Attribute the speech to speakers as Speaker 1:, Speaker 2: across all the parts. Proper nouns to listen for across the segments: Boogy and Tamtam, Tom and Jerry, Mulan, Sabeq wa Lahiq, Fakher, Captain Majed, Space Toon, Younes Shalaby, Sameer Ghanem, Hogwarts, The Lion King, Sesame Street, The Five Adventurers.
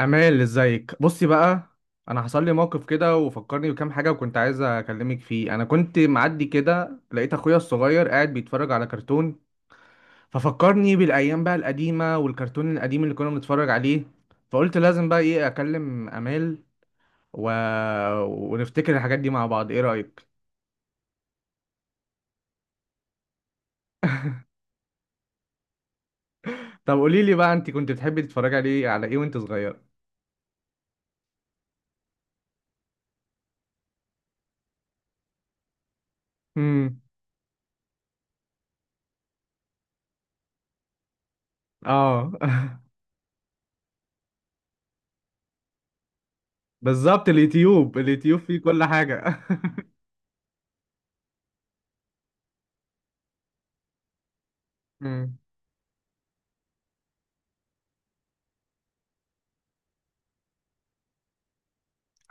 Speaker 1: امال، ازيك؟ بصي بقى، انا حصل لي موقف كده وفكرني بكام حاجه، وكنت عايز اكلمك فيه. انا كنت معدي كده، لقيت اخويا الصغير قاعد بيتفرج على كرتون. ففكرني بالايام بقى القديمه والكرتون القديم اللي كنا بنتفرج عليه. فقلت لازم بقى ايه اكلم امال و... ونفتكر الحاجات دي مع بعض. ايه رايك؟ طب قولي لي بقى، انت كنت بتحبي تتفرجي عليه على ايه وانت صغير؟ امم. اه. بالظبط، اليوتيوب فيه كل حاجه. مم.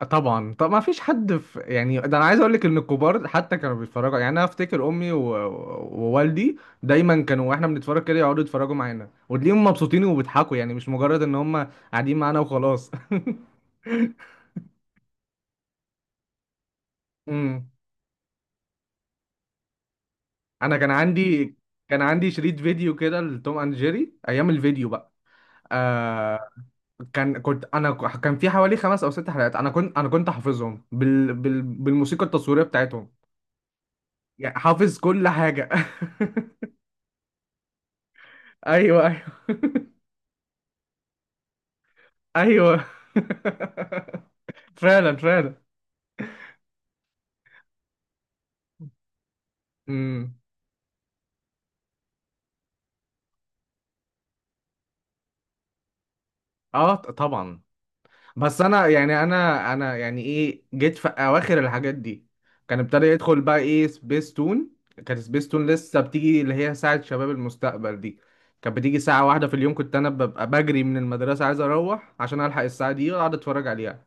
Speaker 1: طبعا. طب ما فيش حد، في يعني ده انا عايز اقول لك ان الكبار حتى كانوا بيتفرجوا، يعني انا افتكر امي و... ووالدي دايما كانوا واحنا بنتفرج كده يقعدوا يتفرجوا معانا، وتلاقيهم مبسوطين وبيضحكوا، يعني مش مجرد ان هم قاعدين معانا وخلاص. امم. انا كان عندي شريط فيديو كده لتوم اند جيري ايام الفيديو بقى. آه، كان كنت انا ك- كان في حوالي خمس او ست حلقات، انا كنت حافظهم بالموسيقى التصويريه بتاعتهم. يعني حافظ كل حاجه. ايوه، ايوه. ايوه. فعلا، فعلا. امم. اه، طبعا. بس انا يعني انا يعني ايه، جيت في اواخر الحاجات دي. كان ابتدى يدخل بقى ايه سبيس تون. كانت سبيس تون لسه بتيجي، اللي هي ساعة شباب المستقبل دي. كانت بتيجي ساعة واحدة في اليوم. كنت انا ببقى بجري من المدرسة عايز اروح عشان الحق الساعة دي واقعد اتفرج عليها.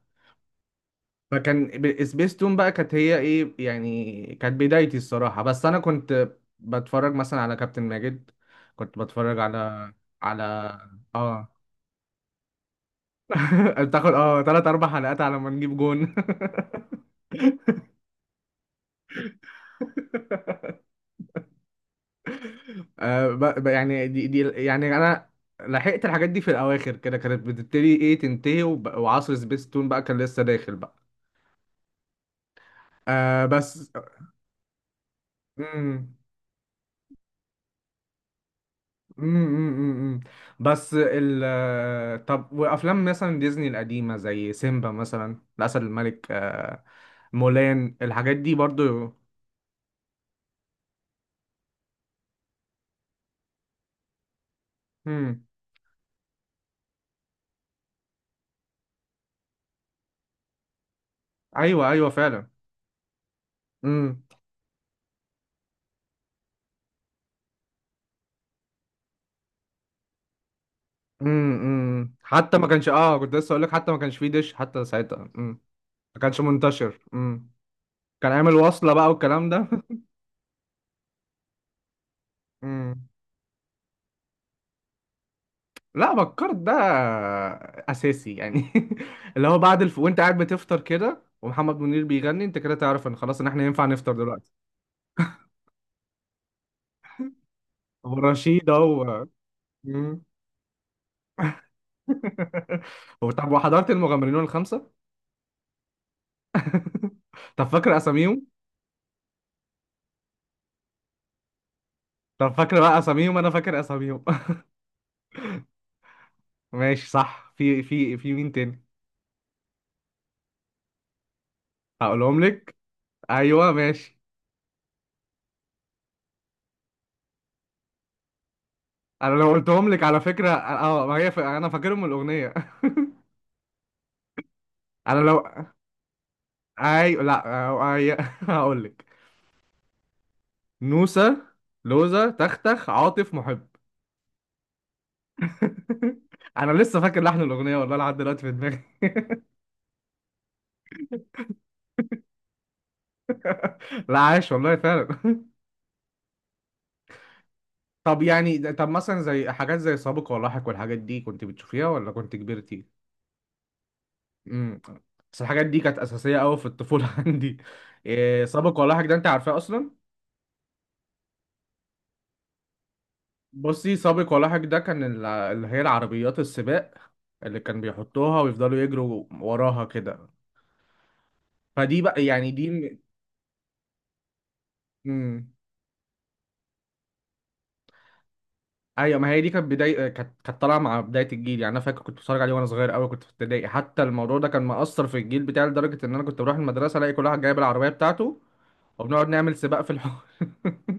Speaker 1: فكان سبيستون بقى كانت هي ايه يعني، كانت بدايتي الصراحة. بس انا كنت بتفرج مثلا على كابتن ماجد. كنت بتفرج على اه، بتاخد اه، تلات اربع حلقات على ما نجيب جون. آه، يعني دي يعني انا لحقت الحاجات دي في الاواخر كده، كانت بتبتدي ايه تنتهي، وب... وعصر سبيستون بقى كان لسه داخل بقى. آه بس. مم. امم، بس ال آه، طب، وافلام مثلا ديزني القديمه زي سيمبا مثلا، الاسد الملك، آه، مولان، الحاجات دي برضو. امم. ايوه، ايوه، فعلا. امم، امم، حتى ما كانش اه كنت لسه اقول لك، حتى ما كانش فيه دش حتى ساعتها. امم. ما كانش منتشر. امم. كان عامل وصله بقى والكلام ده. امم. لا، فكرت ده اساسي يعني. اللي هو بعد وانت قاعد بتفطر كده ومحمد منير بيغني، انت كده تعرف ان خلاص، ان احنا ينفع نفطر دلوقتي. هو رشيد، هو. مم. هو، طب وحضرت المغامرين الخمسة؟ طب فاكر أساميهم؟ طب فاكر بقى أساميهم، أنا فاكر أساميهم. ماشي، صح. في مين تاني؟ هقولهم لك. أيوه، ماشي. أنا لو قلتهم لك على فكرة، أه، ما هي أنا فاكرهم من الأغنية. أنا لو أي، لا، أه، أي... هقول لك: نوسة، لوزة، تختخ، عاطف، محب. أنا لسه فاكر لحن الأغنية والله لحد دلوقتي في دماغي. لا، عايش والله، فعلا. طب يعني طب مثلا زي حاجات زي سابق ولاحق، والحاجات دي كنت بتشوفيها ولا كنت كبرتي؟ امم. بس الحاجات دي كانت أساسية أوي في الطفولة عندي. إيه سابق ولاحق ده؟ أنت عارفاه أصلا؟ بصي، سابق ولاحق ده كان اللي هي العربيات السباق اللي كان بيحطوها ويفضلوا يجروا وراها كده. فدي بقى، يعني دي. ايوه، ما هي دي كانت بدايه، آه، كانت طالعه مع بدايه الجيل. يعني انا فاكر كنت بتفرج عليه وانا صغير قوي، كنت في ابتدائي حتى. الموضوع ده كان مأثر في الجيل بتاعي لدرجه ان انا كنت بروح المدرسه الاقي كل واحد جايب العربيه بتاعته وبنقعد نعمل سباق في الحوار.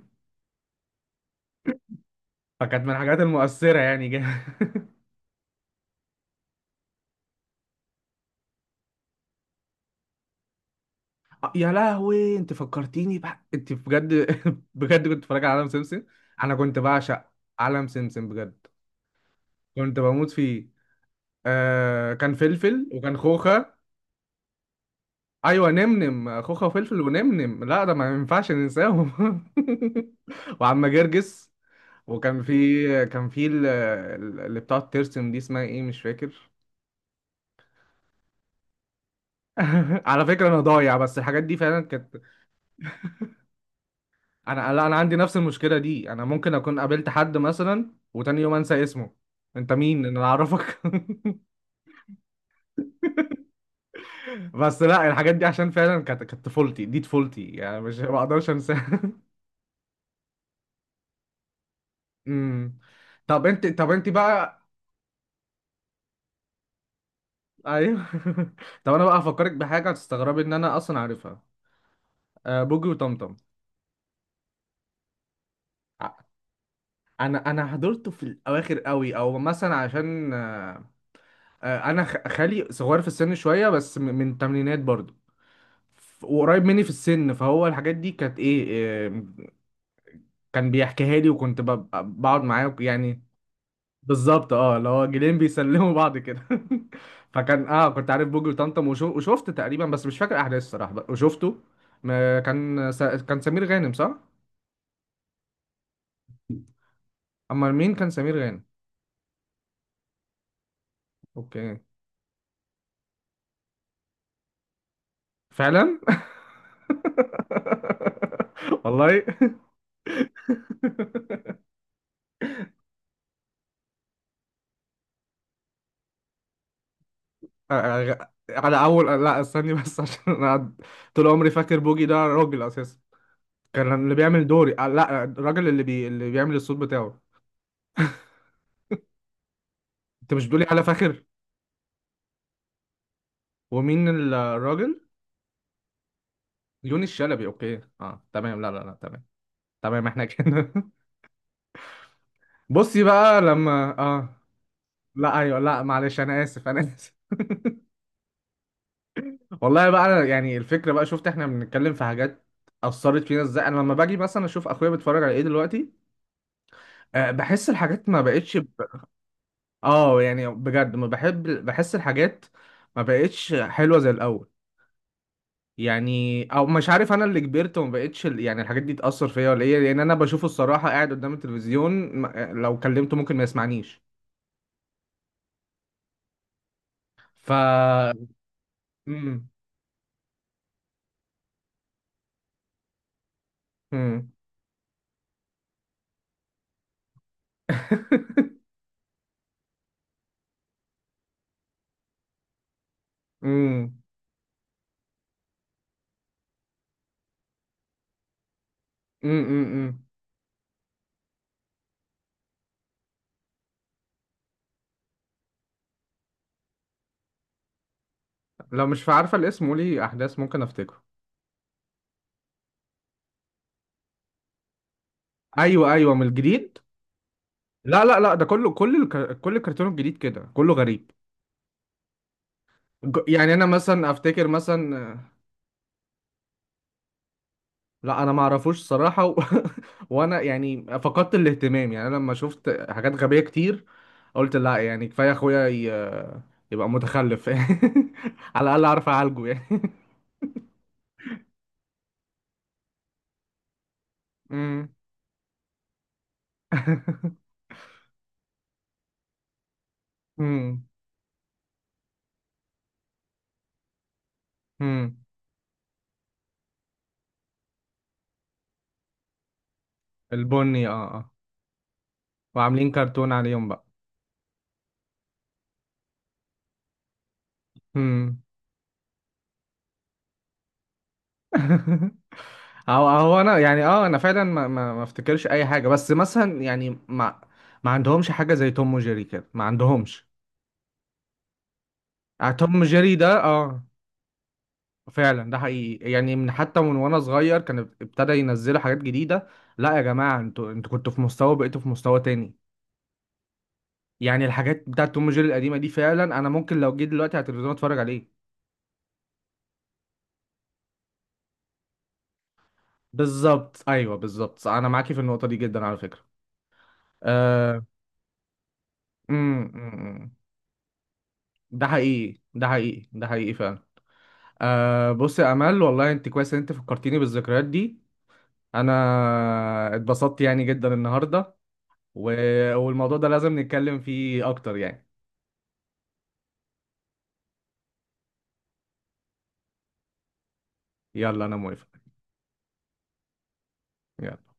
Speaker 1: فكانت من الحاجات المؤثره يعني آه، يا لهوي، انت فكرتيني بقى انت بجد. بجد كنت بتفرج على عالم سمسم. انا كنت بعشق عالم سمسم بجد، كنت بموت فيه. آه، كان فلفل وكان خوخة. ايوه، نمنم، خوخة وفلفل ونمنم، لا ده ما ينفعش ننساهم. وعم جرجس. وكان في كان في اللي بتقعد ترسم دي، اسمها ايه؟ مش فاكر. على فكرة انا ضايع، بس الحاجات دي فعلا كانت. انا، لا، انا عندي نفس المشكلة دي، انا ممكن اكون قابلت حد مثلا وتاني يوم انسى اسمه. انت مين إن انا اعرفك؟ بس لا، الحاجات دي عشان فعلا كانت طفولتي. دي طفولتي، يعني مش ما اقدرش انساها. أمم. طب انت بقى. ايوه. طب انا بقى هفكرك بحاجه هتستغربي ان انا اصلا عارفها. أه، بوجي وطمطم. ع- انا حضرته في الاواخر قوي، او مثلا عشان، أه، آه، انا خالي صغير في السن شويه، بس من التمانينات برضو. وقريب مني في السن، فهو الحاجات دي كانت ايه، آه، كان بيحكيها لي، وكنت بقعد معاه يعني. بالظبط، اه، اللي هو جيلين بيسلموا بعض كده. فكان اه، كنت عارف بوجي وطمطم وشو... وشفت تقريبا، بس مش فاكر احداث الصراحه بقى. وشفته. ما كان س... كان سمير غانم، صح؟ امال، مين كان سمير غانم؟ اوكي. فعلا. والله. على اول، لا استني بس عشان انا طول عمري فاكر بوجي ده راجل اساسا. كان اللي بيعمل دوري آه، لا، الراجل اللي بيعمل الصوت بتاعه. انت مش بتقولي على فاخر؟ ومين الراجل؟ يونس شلبي، اوكي، اه تمام. لا، لا، لا، تمام. تمام احنا كده. بصي بقى لما اه، لا، ايوه، لا معلش، انا اسف، انا اسف. والله بقى، انا يعني الفكره بقى، شفت احنا بنتكلم في حاجات اثرت فينا ازاي. انا لما باجي مثلا اشوف اخويا بيتفرج على ايه دلوقتي، آه، بحس الحاجات ما بقتش اه، يعني بجد ما بحب، بحس الحاجات ما بقتش حلوه زي الاول. يعني او مش عارف، انا اللي كبرت وما بقتش يعني الحاجات دي تاثر فيا ولا ايه، لان انا بشوفه الصراحه قاعد قدام التلفزيون آه، لو كلمته ممكن ما يسمعنيش. ف مم. مم. مم. مم. مم. لو مش عارفه الاسم قولي احداث، ممكن افتكره. ايوه، ايوه، من الجديد. لا، لا، لا، ده كله، كل الكرتون الجديد كده كله غريب. يعني انا مثلا افتكر مثلا. لا، انا ما اعرفوش صراحه وانا يعني فقدت الاهتمام، يعني انا لما شفت حاجات غبيه كتير قلت لا، يعني كفايه اخويا يبقى متخلف. على الاقل اعرف اعالجه يعني. مم. امم. البني، اه، اه. وعاملين كرتون عليهم بقى. امم. هو انا يعني، اه، انا فعلا ما افتكرش اي حاجه، بس مثلا يعني ما ما عندهمش حاجه زي توم وجيري كده، ما عندهمش. آه، توم وجيري ده، اه، فعلا، ده حقيقي، يعني من حتى من وانا صغير كان ابتدى ينزلوا حاجات جديده. لا يا جماعه، انتوا كنتوا في مستوى، بقيتوا في مستوى تاني. يعني الحاجات بتاعت توم وجيري القديمه دي، فعلا، انا ممكن لو جيت دلوقتي على التلفزيون اتفرج عليه. بالظبط، ايوه، بالظبط، انا معاكي في النقطه دي جدا على فكره. آه. أمم، أمم. ده حقيقي، ده حقيقي، ده حقيقي، فعلا. آه، بص يا امل، والله انت كويس ان انت فكرتيني بالذكريات دي. انا اتبسطت يعني جدا النهارده و... والموضوع ده لازم نتكلم فيه اكتر يعني. يلا، انا موافق. يلا.